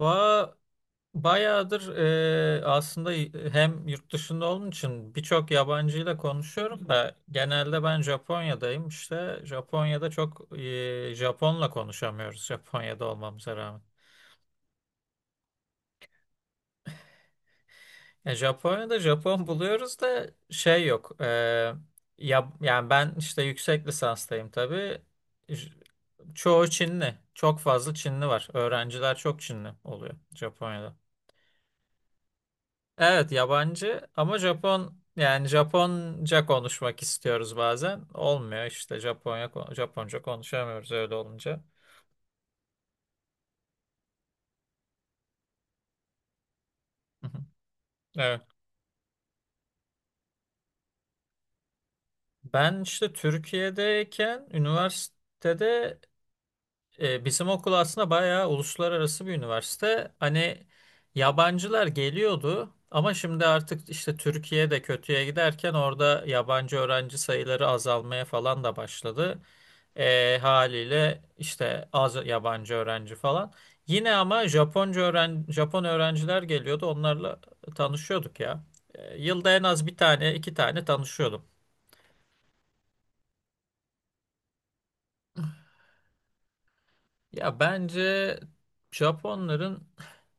Va bayağıdır aslında hem yurt dışında olduğum için birçok yabancıyla konuşuyorum da genelde ben Japonya'dayım işte Japonya'da çok Japon'la konuşamıyoruz Japonya'da olmamıza rağmen. Japonya'da Japon buluyoruz da şey yok. Yani ben işte yüksek lisanstayım tabii. J- Çoğu Çinli. Çok fazla Çinli var. Öğrenciler çok Çinli oluyor Japonya'da. Evet yabancı ama Japon yani Japonca konuşmak istiyoruz bazen. Olmuyor işte Japonya Japonca konuşamıyoruz öyle olunca. Hı hı. Evet. Ben işte Türkiye'deyken üniversitede bizim okul aslında bayağı uluslararası bir üniversite. Hani yabancılar geliyordu ama şimdi artık işte Türkiye'de de kötüye giderken orada yabancı öğrenci sayıları azalmaya falan da başladı. Haliyle işte az yabancı öğrenci falan. Yine ama Japonca öğren Japon öğrenciler geliyordu. Onlarla tanışıyorduk ya. Yılda en az bir tane, iki tane tanışıyordum. Ya bence Japonların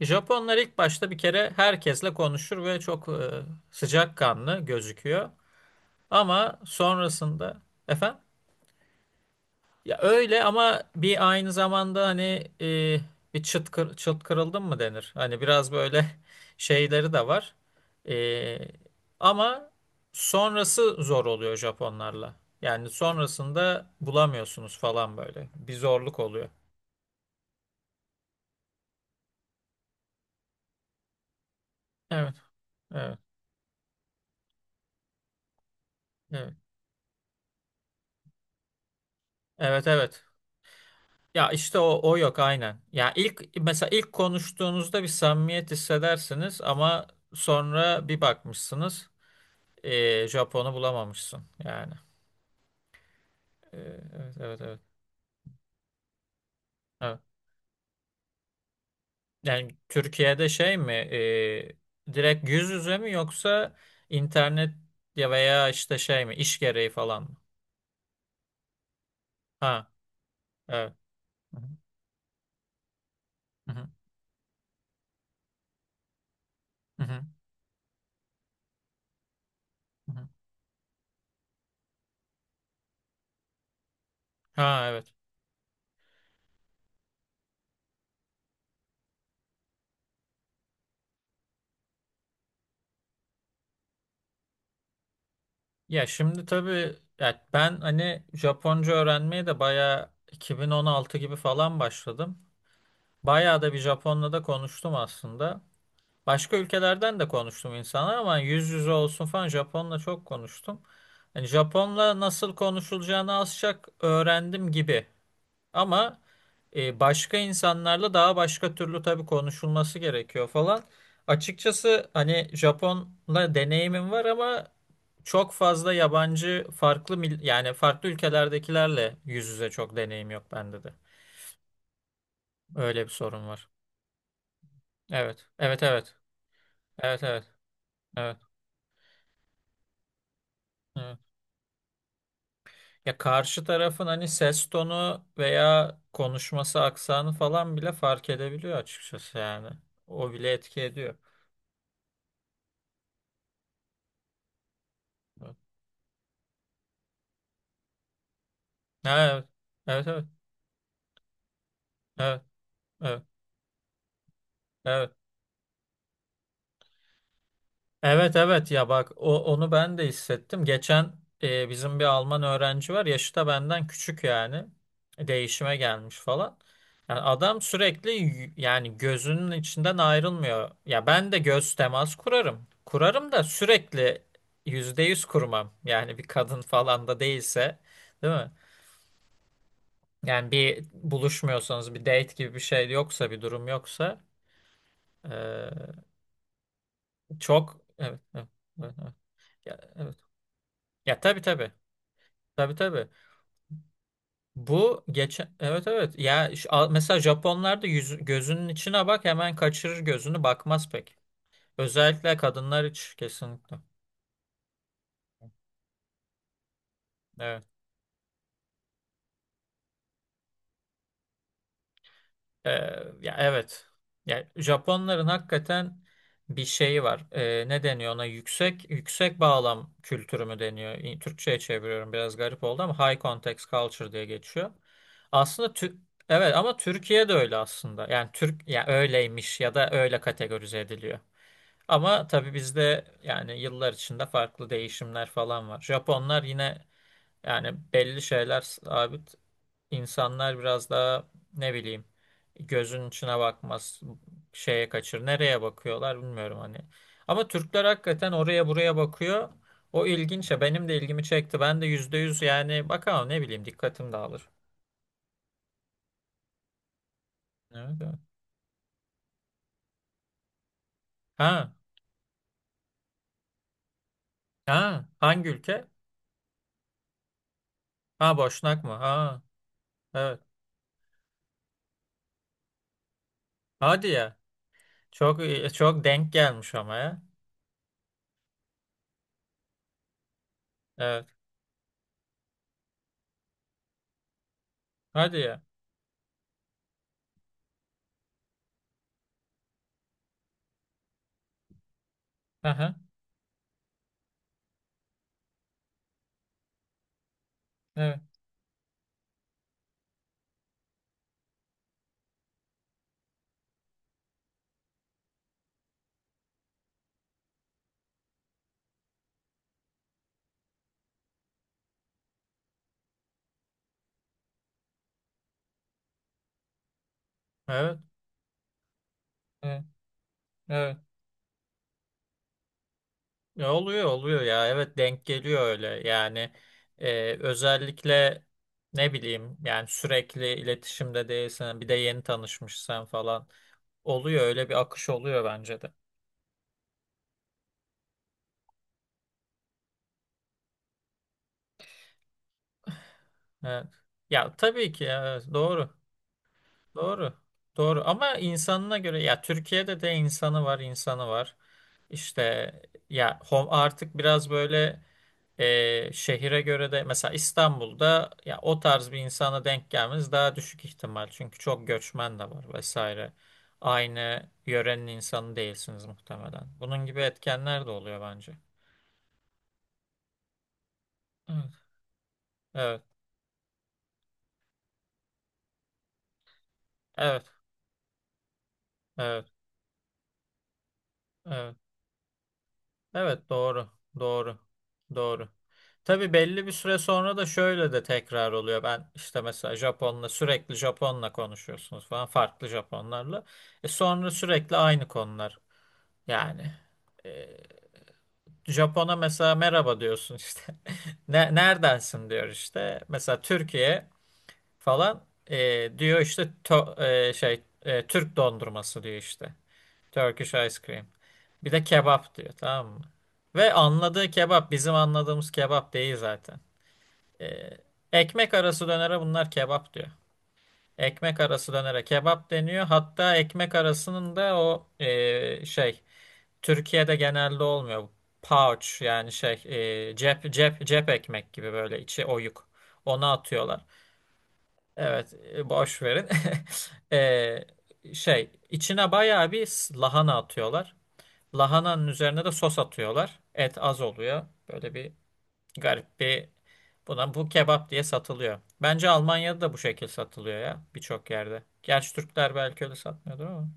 Japonlar ilk başta bir kere herkesle konuşur ve çok sıcakkanlı gözüküyor. Ama sonrasında efendim. Ya öyle ama bir aynı zamanda hani bir çıt, kır, çıt kırıldın mı denir. Hani biraz böyle şeyleri de var. E, ama sonrası zor oluyor Japonlarla. Yani sonrasında bulamıyorsunuz falan böyle. Bir zorluk oluyor. Evet, evet, evet. Evet, evet. Ya işte o yok aynen. Ya ilk mesela ilk konuştuğunuzda bir samimiyet hissedersiniz ama sonra bir bakmışsınız Japon'u bulamamışsın yani. Ee, Evet, evet, evet. Evet. Yani Türkiye'de şey mi, direkt yüz yüze mi yoksa internet ya veya işte şey mi, iş gereği falan mı? Ha, evet. Hı hı, hı hı, hı hı, hı. Ha, evet. Ya şimdi tabii ya ben hani Japonca öğrenmeye de bayağı 2016 gibi falan başladım. Bayağı da bir Japonla da konuştum aslında. Başka ülkelerden de konuştum insanlar ama yüz yüze olsun falan Japonla çok konuştum. Yani Japonla nasıl konuşulacağını az çok öğrendim gibi. Ama başka insanlarla daha başka türlü tabii konuşulması gerekiyor falan. Açıkçası hani Japonla deneyimim var ama çok fazla yabancı farklı yani farklı ülkelerdekilerle yüz yüze çok deneyim yok bende de. Öyle bir sorun var. Evet. Evet evet. Evet evet. Evet. Evet. Ya karşı tarafın hani ses tonu veya konuşması aksanı falan bile fark edebiliyor açıkçası yani. O bile etki ediyor. Evet. Ha, evet. Evet evet. Evet. Evet. Evet. Evet evet ya bak onu ben de hissettim. Geçen bizim bir Alman öğrenci var. Yaşı da benden küçük yani. Değişime gelmiş falan. Yani adam sürekli yani gözünün içinden ayrılmıyor. Ya ben de göz temas kurarım. Kurarım da sürekli yüzde yüz kurmam. Yani bir kadın falan da değilse, değil mi? Yani bir buluşmuyorsanız bir date gibi bir şey yoksa bir durum yoksa e, çok evet evet evet. Evet. Ya, evet. Ya tabii tabii. Tabii tabii. Bu geçen evet evet. Ya mesela Japonlar da gözünün içine bak hemen kaçırır gözünü bakmaz pek. Özellikle kadınlar hiç kesinlikle. Evet. Ee, ya evet. Ya Japonların hakikaten bir şeyi var. Ne deniyor ona? Yüksek yüksek bağlam kültürü mü deniyor? Türkçe'ye çeviriyorum biraz garip oldu ama high context culture diye geçiyor. Aslında evet ama Türkiye de öyle aslında. Yani Türk ya öyleymiş ya da öyle kategorize ediliyor. Ama tabii bizde yani yıllar içinde farklı değişimler falan var. Japonlar yine yani belli şeyler sabit. İnsanlar biraz daha ne bileyim gözün içine bakmaz, şeye kaçır. Nereye bakıyorlar bilmiyorum hani. Ama Türkler hakikaten oraya buraya bakıyor. O ilginç ya benim de ilgimi çekti. Ben de yüzde yüz yani bakalım ne bileyim dikkatim dağılır. Evet, evet. Ha, ha, hangi ülke? Ha Boşnak mı? Ha, evet. Hadi ya. Çok denk gelmiş ama ya. Evet. Hadi ya. Aha. Evet. Evet. Evet. Evet. Oluyor oluyor ya. Evet denk geliyor öyle. Yani özellikle ne bileyim yani sürekli iletişimde değilsen bir de yeni tanışmışsan falan oluyor öyle bir akış oluyor bence de. Evet. Ya tabii ki evet, doğru. Doğru. Doğru ama insanına göre ya Türkiye'de de insanı var, insanı var. İşte ya artık biraz böyle. Şehire göre de mesela İstanbul'da ya o tarz bir insana denk gelmeniz daha düşük ihtimal. Çünkü çok göçmen de var vesaire. Aynı yörenin insanı değilsiniz muhtemelen. Bunun gibi etkenler de oluyor bence. Evet, evet, evet, evet, evet. Evet, doğru, doğru, doğru. Tabii belli bir süre sonra da şöyle de tekrar oluyor. Ben işte mesela Japon'la sürekli Japon'la konuşuyorsunuz falan farklı Japonlarla. Sonra sürekli aynı konular. Yani. e, Japon'a mesela merhaba diyorsun işte. Ne, neredensin diyor işte. Mesela Türkiye falan diyor işte şey Türk dondurması diyor işte. Turkish ice cream. Bir de kebap diyor tamam mı? Ve anladığı kebap bizim anladığımız kebap değil zaten. E, ekmek arası dönere bunlar kebap diyor. Ekmek arası dönere kebap deniyor. Hatta ekmek arasının da o şey Türkiye'de genelde olmuyor. Pouch yani şey cep ekmek gibi böyle içi oyuk. Onu atıyorlar. Evet boş verin. Şey içine bayağı bir lahana atıyorlar. Lahananın üzerine de sos atıyorlar. Et az oluyor. Böyle bir garip bir buna bu kebap diye satılıyor. Bence Almanya'da da bu şekil satılıyor ya birçok yerde. Gerçi Türkler belki öyle satmıyordur ama.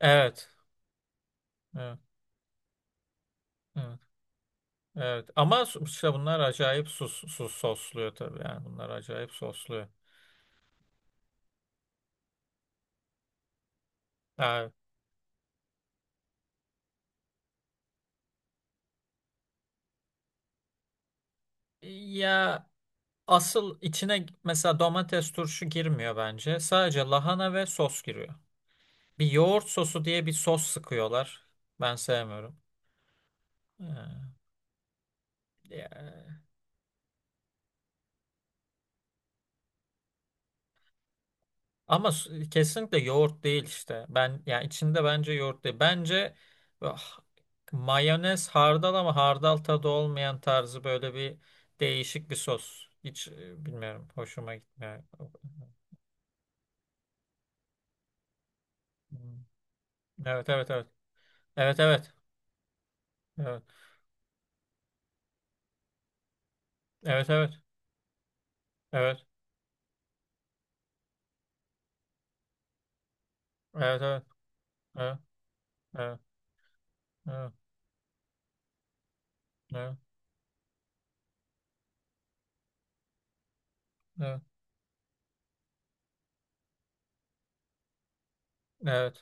Evet. Evet. Evet. Evet ama işte bunlar acayip sus, sus sosluyor tabii yani bunlar acayip sosluyor. Yani, ya asıl içine mesela domates turşu girmiyor bence. Sadece lahana ve sos giriyor. Bir yoğurt sosu diye bir sos sıkıyorlar. Ben sevmiyorum. Ee, ya ama kesinlikle yoğurt değil işte. Ben yani içinde bence yoğurt değil. Bence ah, mayonez hardal ama hardal tadı olmayan tarzı böyle bir değişik bir sos. Hiç bilmiyorum. Hoşuma gitmiyor. Hmm. Evet evet evet. Evet evet. Evet. Evet evet. Evet. Evet evet. Evet. Evet. Evet. Evet. Evet. Evet.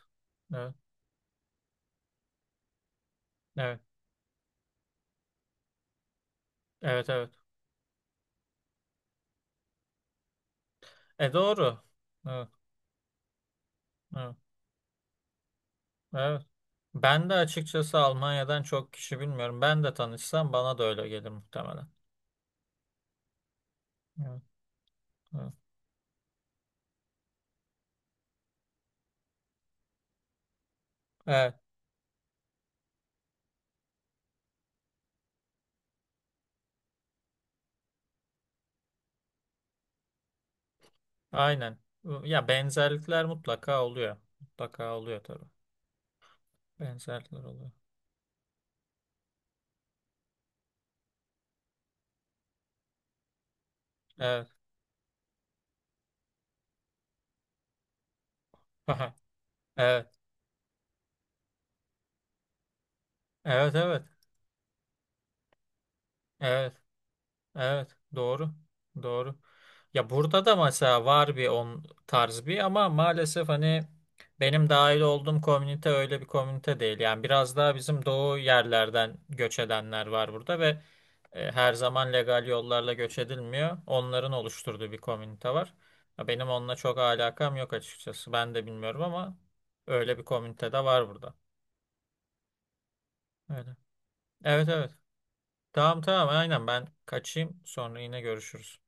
Evet. Evet. Evet. Evet. Doğru. Evet. Evet. Evet. Ben de açıkçası Almanya'dan çok kişi bilmiyorum. Ben de tanışsam bana da öyle gelir muhtemelen. Evet, evet. Evet, aynen. Ya benzerlikler mutlaka oluyor. Mutlaka oluyor tabii. Benzerlikler oluyor. Evet. Evet. Evet, evet. Evet, evet. Doğru. Doğru. Ya burada da mesela var bir on tarz bir ama maalesef hani benim dahil olduğum komünite öyle bir komünite değil. Yani biraz daha bizim doğu yerlerden göç edenler var burada ve her zaman legal yollarla göç edilmiyor. Onların oluşturduğu bir komünite var. Ya benim onunla çok alakam yok açıkçası. Ben de bilmiyorum ama öyle bir komünite de var burada. Öyle. Evet evet. Tamam tamam aynen ben kaçayım sonra yine görüşürüz.